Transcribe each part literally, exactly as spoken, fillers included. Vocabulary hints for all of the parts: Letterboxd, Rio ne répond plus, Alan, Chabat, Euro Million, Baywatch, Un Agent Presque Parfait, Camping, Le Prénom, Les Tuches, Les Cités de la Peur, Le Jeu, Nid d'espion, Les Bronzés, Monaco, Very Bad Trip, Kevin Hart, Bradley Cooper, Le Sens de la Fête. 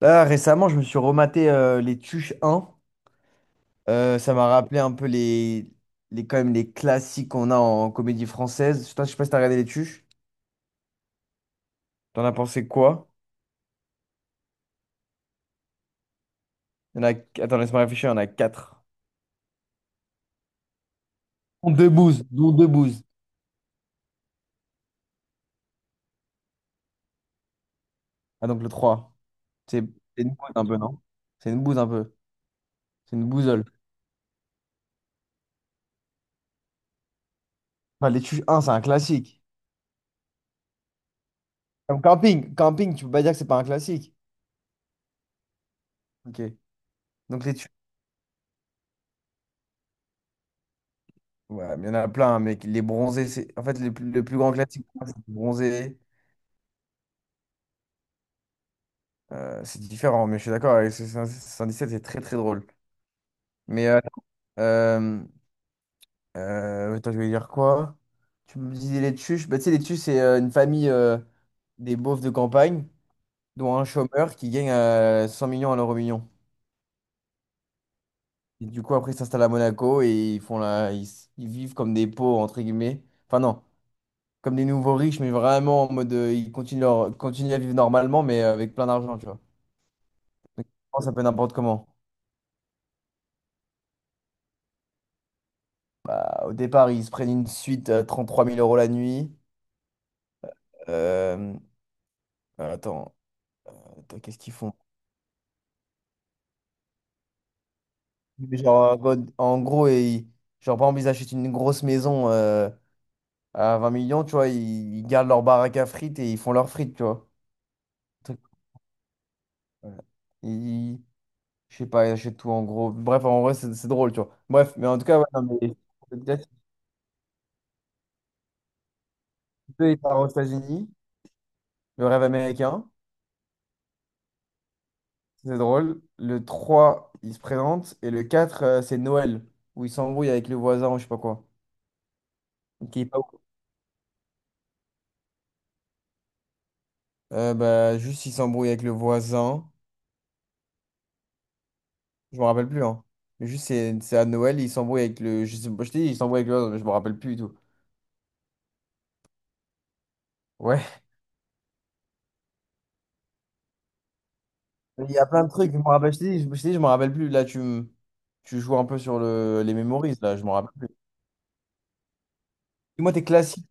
Là, récemment, je me suis rematé euh, les Tuches un. Euh, ça m'a rappelé un peu les, les, quand même, les classiques qu'on a en comédie française. Putain, je sais pas si t'as regardé les Tuches. T'en as pensé quoi? Il y en a... Attends, laisse-moi réfléchir, il y en a quatre. Dont deux bouses, dont deux bouses. Ah, donc le trois. C'est c'est une bouse un peu, non? C'est une bouse un peu. C'est une bousole. Enfin, les Tuches un c'est un classique. Comme camping. Camping, tu peux pas dire que c'est pas un classique. Ok. Donc les Tuches. Ouais, mais il y en a plein, hein, mec. Les bronzés, c'est. En fait, le plus, le plus grand classique, pour moi, c'est les bronzés. Euh, c'est différent, mais je suis d'accord avec soixante-dix-sept, c'est très très drôle. Mais euh, euh, euh, attends, je vais dire quoi? Tu me disais les Tuches. Bah, tu sais, les Tuches, c'est euh, une famille euh, des beaufs de campagne, dont un chômeur qui gagne euh, cent millions à l'euro million. Et du coup, après, ils s'installent à Monaco et ils font la... ils, s- ils vivent comme des pauvres, entre guillemets. Enfin, non, comme des nouveaux riches, mais vraiment en mode euh, ils continuent, leur... continuent à vivre normalement, mais euh, avec plein d'argent, tu vois. Donc, ils pensent un peu n'importe comment. Bah, au départ, ils se prennent une suite à trente-trois mille euros la nuit. Euh, Attends, attends, qu'est-ce qu'ils font? Genre, en gros, ils, genre, par exemple, ils achètent une grosse maison euh, à vingt millions, tu vois, ils, ils gardent leur baraque à frites et ils font leurs frites, tu vois. Truc- ouais. Ils- je sais pas, ils achètent tout en gros. Bref, en vrai, c'est c'est drôle, tu vois. Bref, mais en tout cas, ouais, non, mais... Peut-être qu'il peut, il part aux États-Unis, le rêve américain. C'est drôle. Le trois il se présente. Et le quatre euh, c'est Noël, où il s'embrouille avec le voisin, ou je sais pas quoi. Qui est pas ouf. Euh, bah, juste, il s'embrouille avec le voisin. Je me rappelle plus, hein. Mais juste, c'est c'est à Noël, il s'embrouille avec le. Je sais pas, je t'ai dit, il s'embrouille avec le voisin, mais je me rappelle plus du tout. Ouais. Il y a plein de trucs, je me rappelle, je t'ai dit, je je t'ai dit, je me rappelle plus. Là, tu, me- tu joues un peu sur le... les memories, là, je me rappelle plus. Dis-moi tes classiques.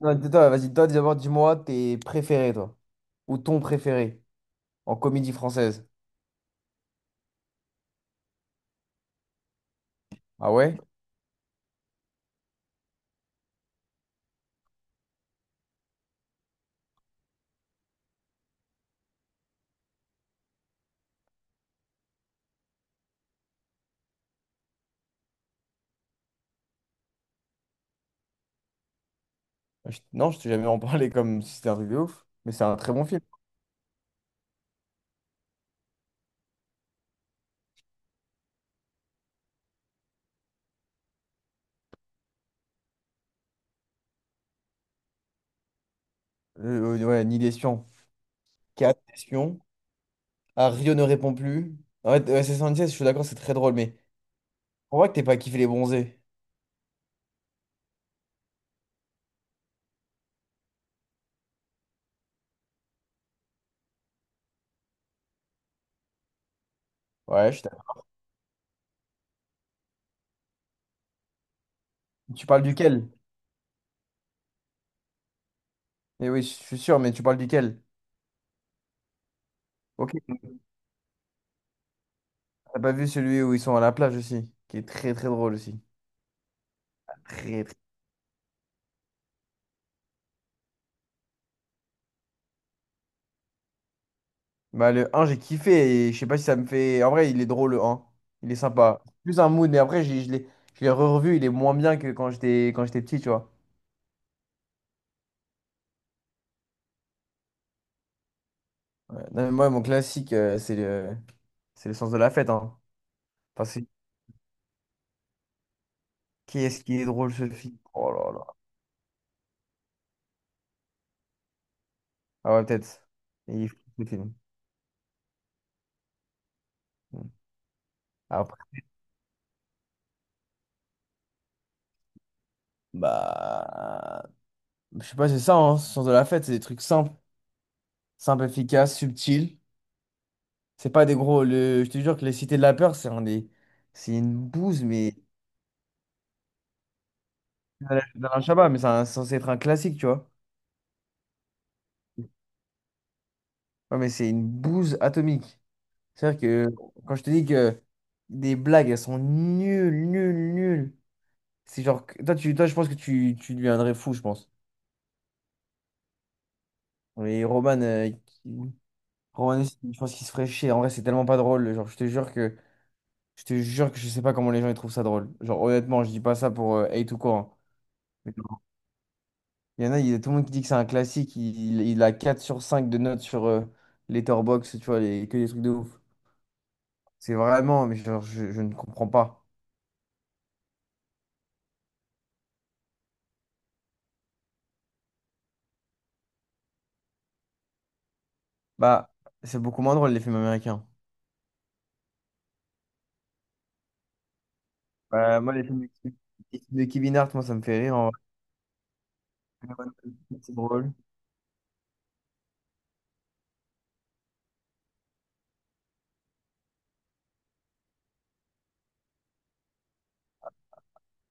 Non, toi, vas-y, toi, d'abord, dis-moi tes préférés, toi. Ou ton préféré en comédie française. Ah ouais? Je- Non, je t'ai jamais en parlé comme si c'était un truc de ouf, mais c'est un très bon film. Euh, euh, ouais, Nid d'espion. quatre espions. Ah, Rio ne répond plus. En fait, euh, S S soixante-seize, je suis d'accord, c'est très drôle, mais on voit que t'es pas kiffé les bronzés. Ouais, je suis d'accord. Tu parles duquel? Eh oui, je suis sûr, mais tu parles duquel? Ok, t'as pas vu celui où ils sont à la plage aussi, qui est très très drôle aussi. Très, très- Bah, le un, j'ai kiffé et je sais pas si ça me fait. En vrai, il est drôle le un. Il est sympa. Plus un mood, mais après, j'ai- je l'ai je l'ai revu, il est moins bien que quand j'étais quand j'étais petit, tu vois. Ouais. Non, mais moi, mon classique, euh, c'est le... c'est le sens de la fête. Hein. Enfin, c'est... Qui est-ce qui est drôle ce film? Oh là là. Ah ouais, peut-être. Il est fou, ce film. Mm. Après, bah. Je sais pas, c'est ça, hein, le sens de la fête. C'est des trucs simples, simples, efficaces, subtils. C'est pas des gros. Le... Je te jure que Les Cités de la Peur, c'est un des... c'est une bouse, mais. Dans Chabat, mais c'est un- c'est censé être un classique, tu vois. Ouais, mais c'est une bouse atomique. C'est-à-dire que quand je te dis que des blagues, elles sont nulles, nulles, nulles. C'est genre, que- toi, tu, toi, je pense que tu, tu deviendrais fou, je pense. Et Roman, euh, qui- Roman aussi, je pense qu'il se ferait chier. En vrai, c'est tellement pas drôle. Genre, je te jure que, je te jure que je sais pas comment les gens ils trouvent ça drôle. Genre, honnêtement, je dis pas ça pour euh, hate ou quoi. Hein. Mais genre, Il y en a, il y a tout le monde qui dit que c'est un classique. Il, il a quatre sur cinq de notes sur euh, Letterboxd, tu vois, les, que des trucs de ouf. C'est vraiment, mais genre, je, je ne comprends pas. Bah, c'est beaucoup moins drôle, les films américains. Bah, moi, les films de, les films de Kevin Hart, moi, ça me fait rire. En vrai. C'est drôle.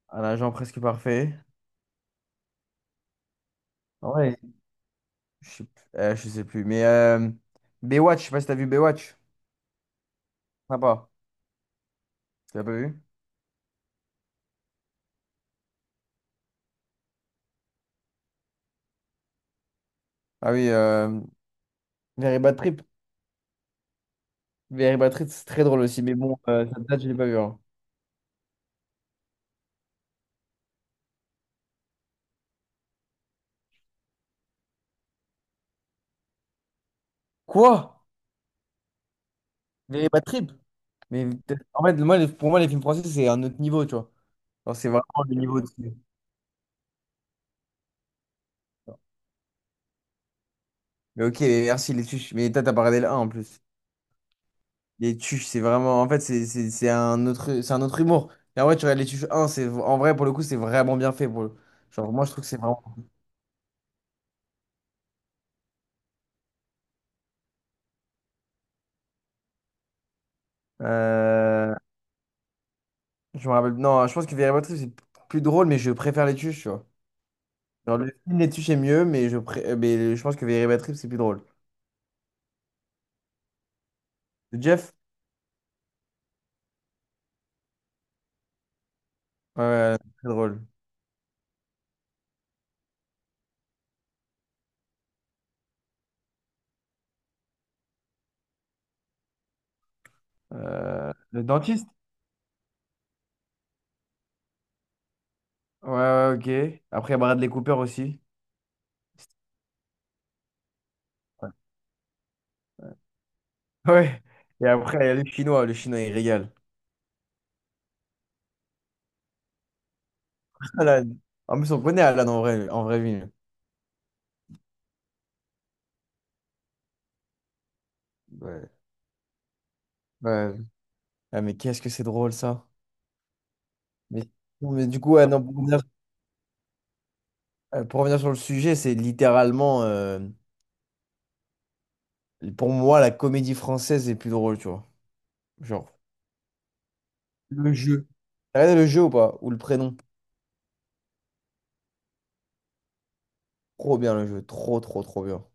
Un agent presque parfait. Ouais. Je sais, p- euh, je sais plus. Mais euh, Baywatch, je sais pas si t'as vu Baywatch. Sympa. Tu l'as pas vu? Ah oui, euh, Very Bad Trip. Very Bad Trip, c'est très drôle aussi. Mais bon, euh, ça date, je l'ai pas vu. Hein. Quoi? Very Bad Trip? Mais peut-être- en fait, moi, les- pour moi, les films français, c'est un autre niveau, tu vois. Genre, c'est vraiment le niveau dessus. Mais ok, merci les tuches. Mais toi, t'as pas regardé le un en plus. Les tuches, c'est vraiment. En fait, c'est c'est- c'est un autre, c'est un autre humour. Et en vrai, tu regardes les tuches un c'est, en vrai, pour le coup, c'est vraiment bien fait. Pour le... Genre, moi, je trouve que c'est vraiment. Euh, Je me rappelle. Non, je pense que Véritable Trip, c'est plus drôle, mais je préfère les tuches, tu vois. Genre, le film Les tuches est mieux, mais je, pré... euh, mais je pense que Véritable Trip, c'est plus drôle. Le Jeff? Ouais, ouais, très drôle. Euh, Le dentiste? Ouais, ouais, ok. Après, il y a Bradley Cooper aussi. Ouais. Et après, il y a le chinois. Le chinois, il régale. Alan. En plus, on connaît Alan en vrai, en vrai vie. Ouais. Ouais. Ah, mais qu'est-ce que c'est drôle ça. Mais, non, mais du coup, ouais, non, pour revenir, euh, pour revenir sur le sujet, c'est littéralement, euh, pour moi, la comédie française est plus drôle, tu vois. Genre, le jeu. T'as regardé le jeu ou pas? Ou le prénom? Trop bien le jeu, trop, trop, trop bien.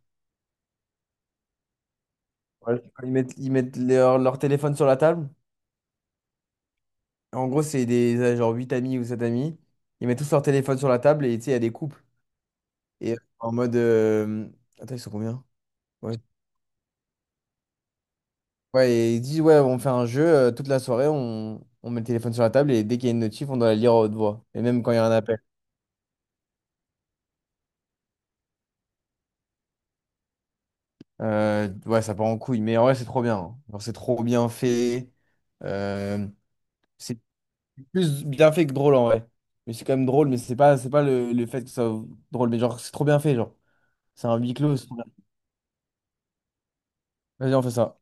Ouais. Ils mettent, ils mettent leur, leur téléphone sur la table. En gros, c'est des euh, genre huit amis ou sept amis. Ils mettent tous leur téléphone sur la table et tu sais, il y a des couples. Et euh, en mode. euh, Attends, ils sont combien? Ouais. Ouais, et il dit, ouais, on fait un jeu, euh, toute la soirée, on, on met le téléphone sur la table et dès qu'il y a une notif, on doit la lire à haute voix. Et même quand il y a un appel. Euh, ouais, ça part en couille. Mais en vrai, c'est trop bien. Hein. Genre, c'est trop bien fait. Euh, c'est plus bien fait que drôle en vrai. Mais c'est quand même drôle, mais c'est pas, c'est pas le, le fait que ça soit drôle. Mais genre, c'est trop bien fait, genre. C'est un huis clos. C'est trop bien. Vas-y, on fait ça.